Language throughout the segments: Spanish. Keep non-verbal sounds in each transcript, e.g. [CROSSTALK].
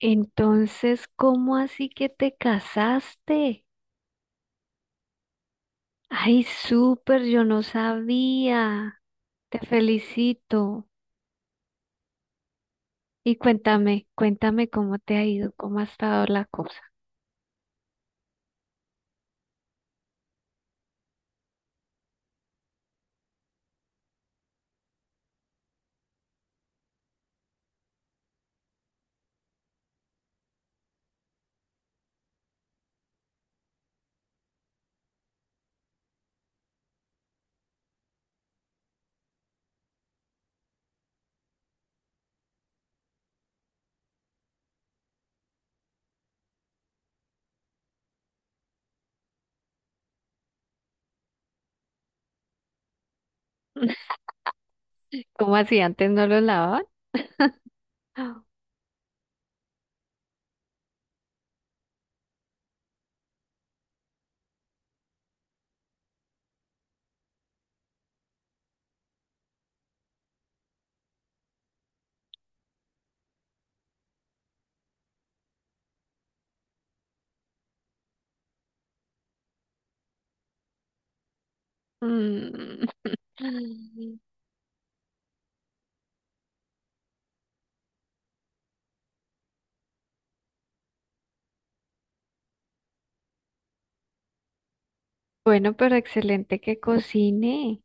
Entonces, ¿cómo así que te casaste? Ay, súper, yo no sabía. Te felicito. Y cuéntame cómo te ha ido, cómo ha estado la cosa. [LAUGHS] ¿Cómo así antes no lo lavaban? [GASPS] Ah, mm. [LAUGHS] Bueno, pero excelente que cocine.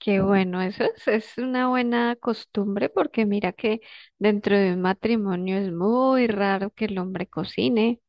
Qué bueno, eso es una buena costumbre porque mira que dentro de un matrimonio es muy raro que el hombre cocine.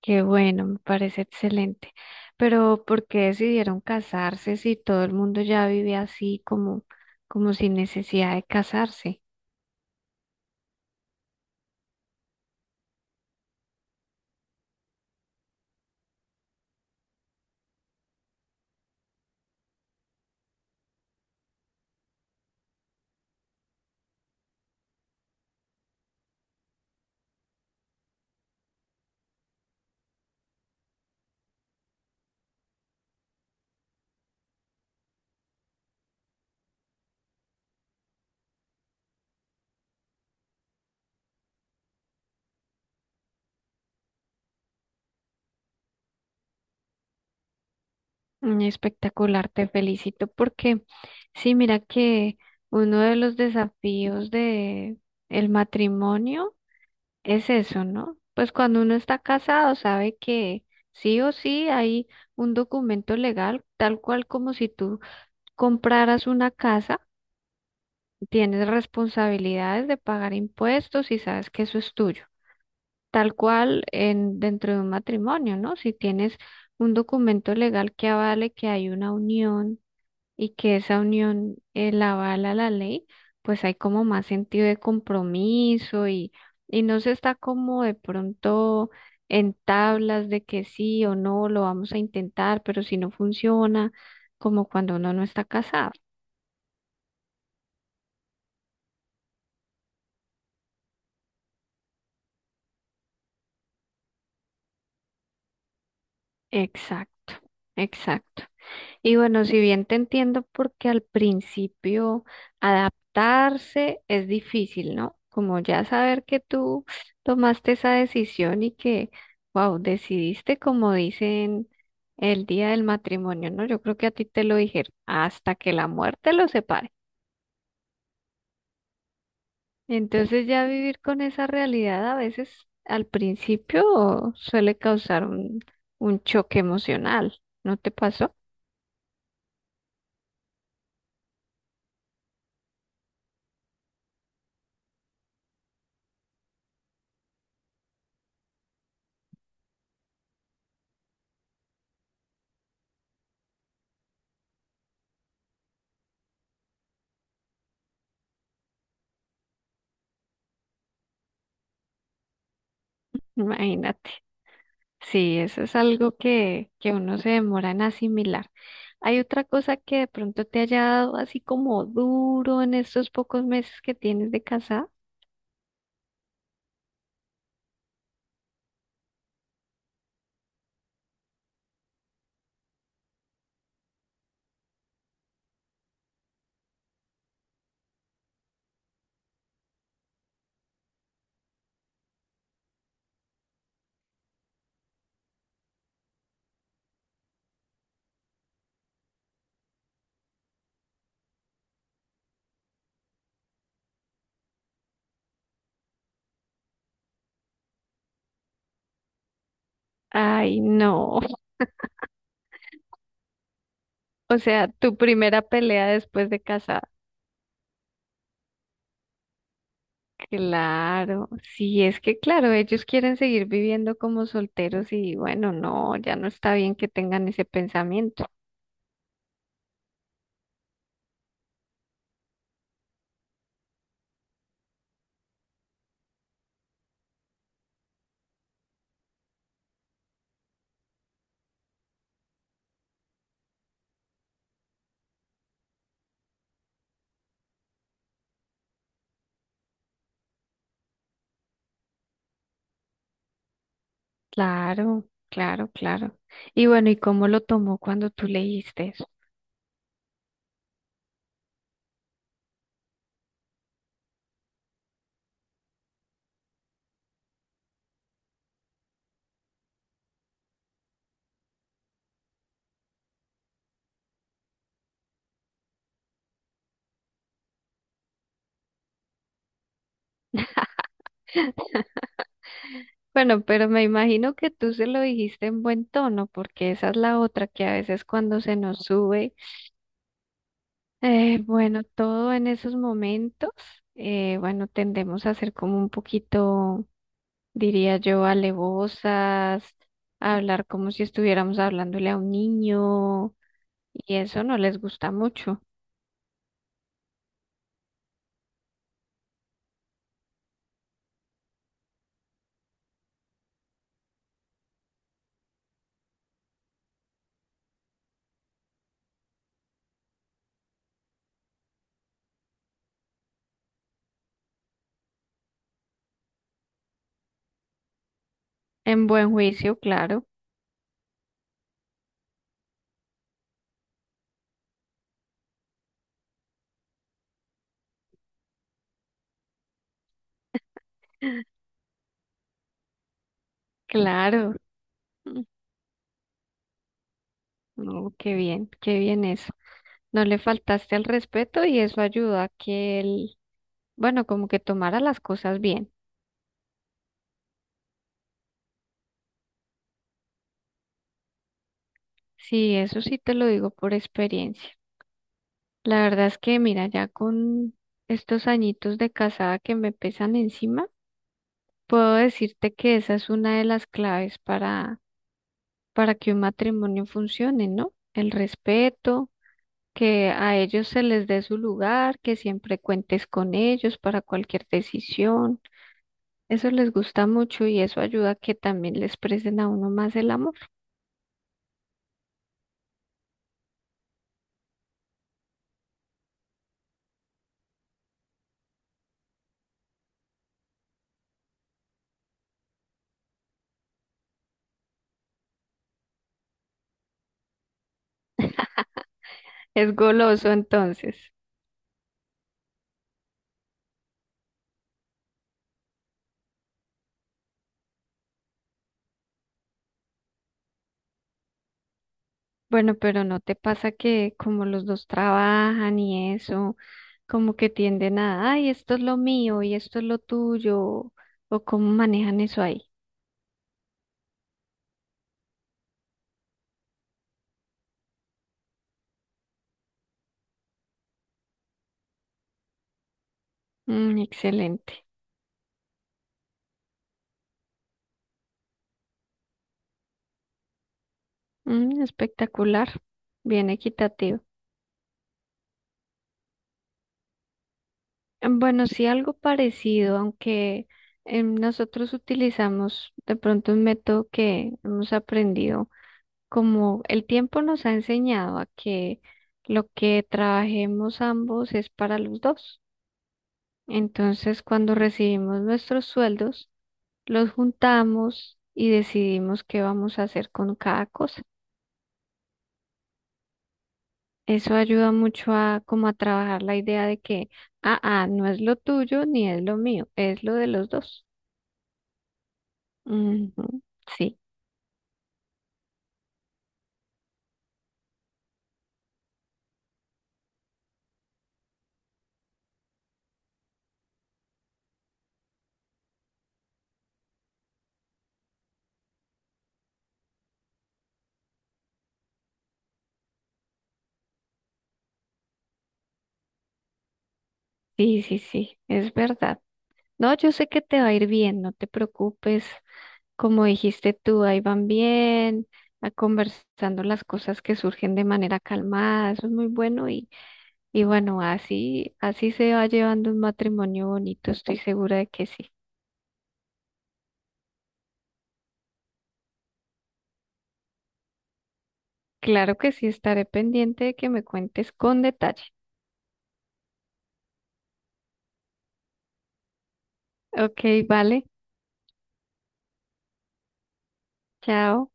Qué bueno, me parece excelente. Pero ¿por qué decidieron casarse si todo el mundo ya vivía así como, como sin necesidad de casarse? Mm, espectacular, te felicito porque sí, mira que uno de los desafíos de el matrimonio es eso, ¿no? Pues cuando uno está casado sabe que sí o sí hay un documento legal tal cual como si tú compraras una casa. Tienes responsabilidades de pagar impuestos y sabes que eso es tuyo. Tal cual en, dentro de un matrimonio, ¿no? Si tienes un documento legal que avale que hay una unión y que esa unión la avala la ley, pues hay como más sentido de compromiso y no se está como de pronto en tablas de que sí o no lo vamos a intentar, pero si no funciona, como cuando uno no está casado. Exacto, exacto. Y bueno, si bien te entiendo, porque al principio adaptarse es difícil, ¿no? Como ya saber que tú tomaste esa decisión y que, wow, decidiste como dicen el día del matrimonio, ¿no? Yo creo que a ti te lo dijeron, hasta que la muerte los separe. Entonces ya vivir con esa realidad a veces al principio suele causar un choque emocional, ¿no te pasó? Imagínate. Sí, eso es algo que uno se demora en asimilar. ¿Hay otra cosa que de pronto te haya dado así como duro en estos pocos meses que tienes de casada? Ay, no. [LAUGHS] O sea, tu primera pelea después de casada. Claro, sí, es que claro, ellos quieren seguir viviendo como solteros y bueno, no, ya no está bien que tengan ese pensamiento. Claro, claro, claro. Y bueno, ¿y cómo lo tomó cuando tú leíste eso? Bueno, pero me imagino que tú se lo dijiste en buen tono, porque esa es la otra que a veces cuando se nos sube, bueno, todo en esos momentos, bueno, tendemos a ser como un poquito, diría yo, alevosas, a hablar como si estuviéramos hablándole a un niño, y eso no les gusta mucho. En buen juicio, claro, claro. [LAUGHS] Mm, no, qué bien eso. No le faltaste al respeto y eso ayuda a que el, bueno, como que tomara las cosas bien. Sí, eso sí te lo digo por experiencia. La verdad es que, mira, ya con estos añitos de casada que me pesan encima, puedo decirte que esa es una de las claves para que un matrimonio funcione, ¿no? El respeto, que a ellos se les dé su lugar, que siempre cuentes con ellos para cualquier decisión. Eso les gusta mucho y eso ayuda a que también les presten a uno más el amor. Es goloso entonces. Bueno, pero ¿no te pasa que como los dos trabajan y eso, como que tienden a, ay, esto es lo mío y esto es lo tuyo, o cómo manejan eso ahí? Mm, excelente. Mm, espectacular, bien equitativo. Bueno, sí, algo parecido, aunque nosotros utilizamos de pronto un método que hemos aprendido, como el tiempo nos ha enseñado a que lo que trabajemos ambos es para los dos. Entonces, cuando recibimos nuestros sueldos, los juntamos y decidimos qué vamos a hacer con cada cosa. Eso ayuda mucho a como a trabajar la idea de que, ah, ah, no es lo tuyo ni es lo mío, es lo de los dos. Ujú, Sí, sí, es verdad. No, yo sé que te va a ir bien, no te preocupes. Como dijiste tú, ahí van bien, a conversando las cosas que surgen de manera calmada, eso es muy bueno. Y bueno, así, así se va llevando un matrimonio bonito, estoy segura de que sí. Claro que sí, estaré pendiente de que me cuentes con detalle. Ok, vale, chao.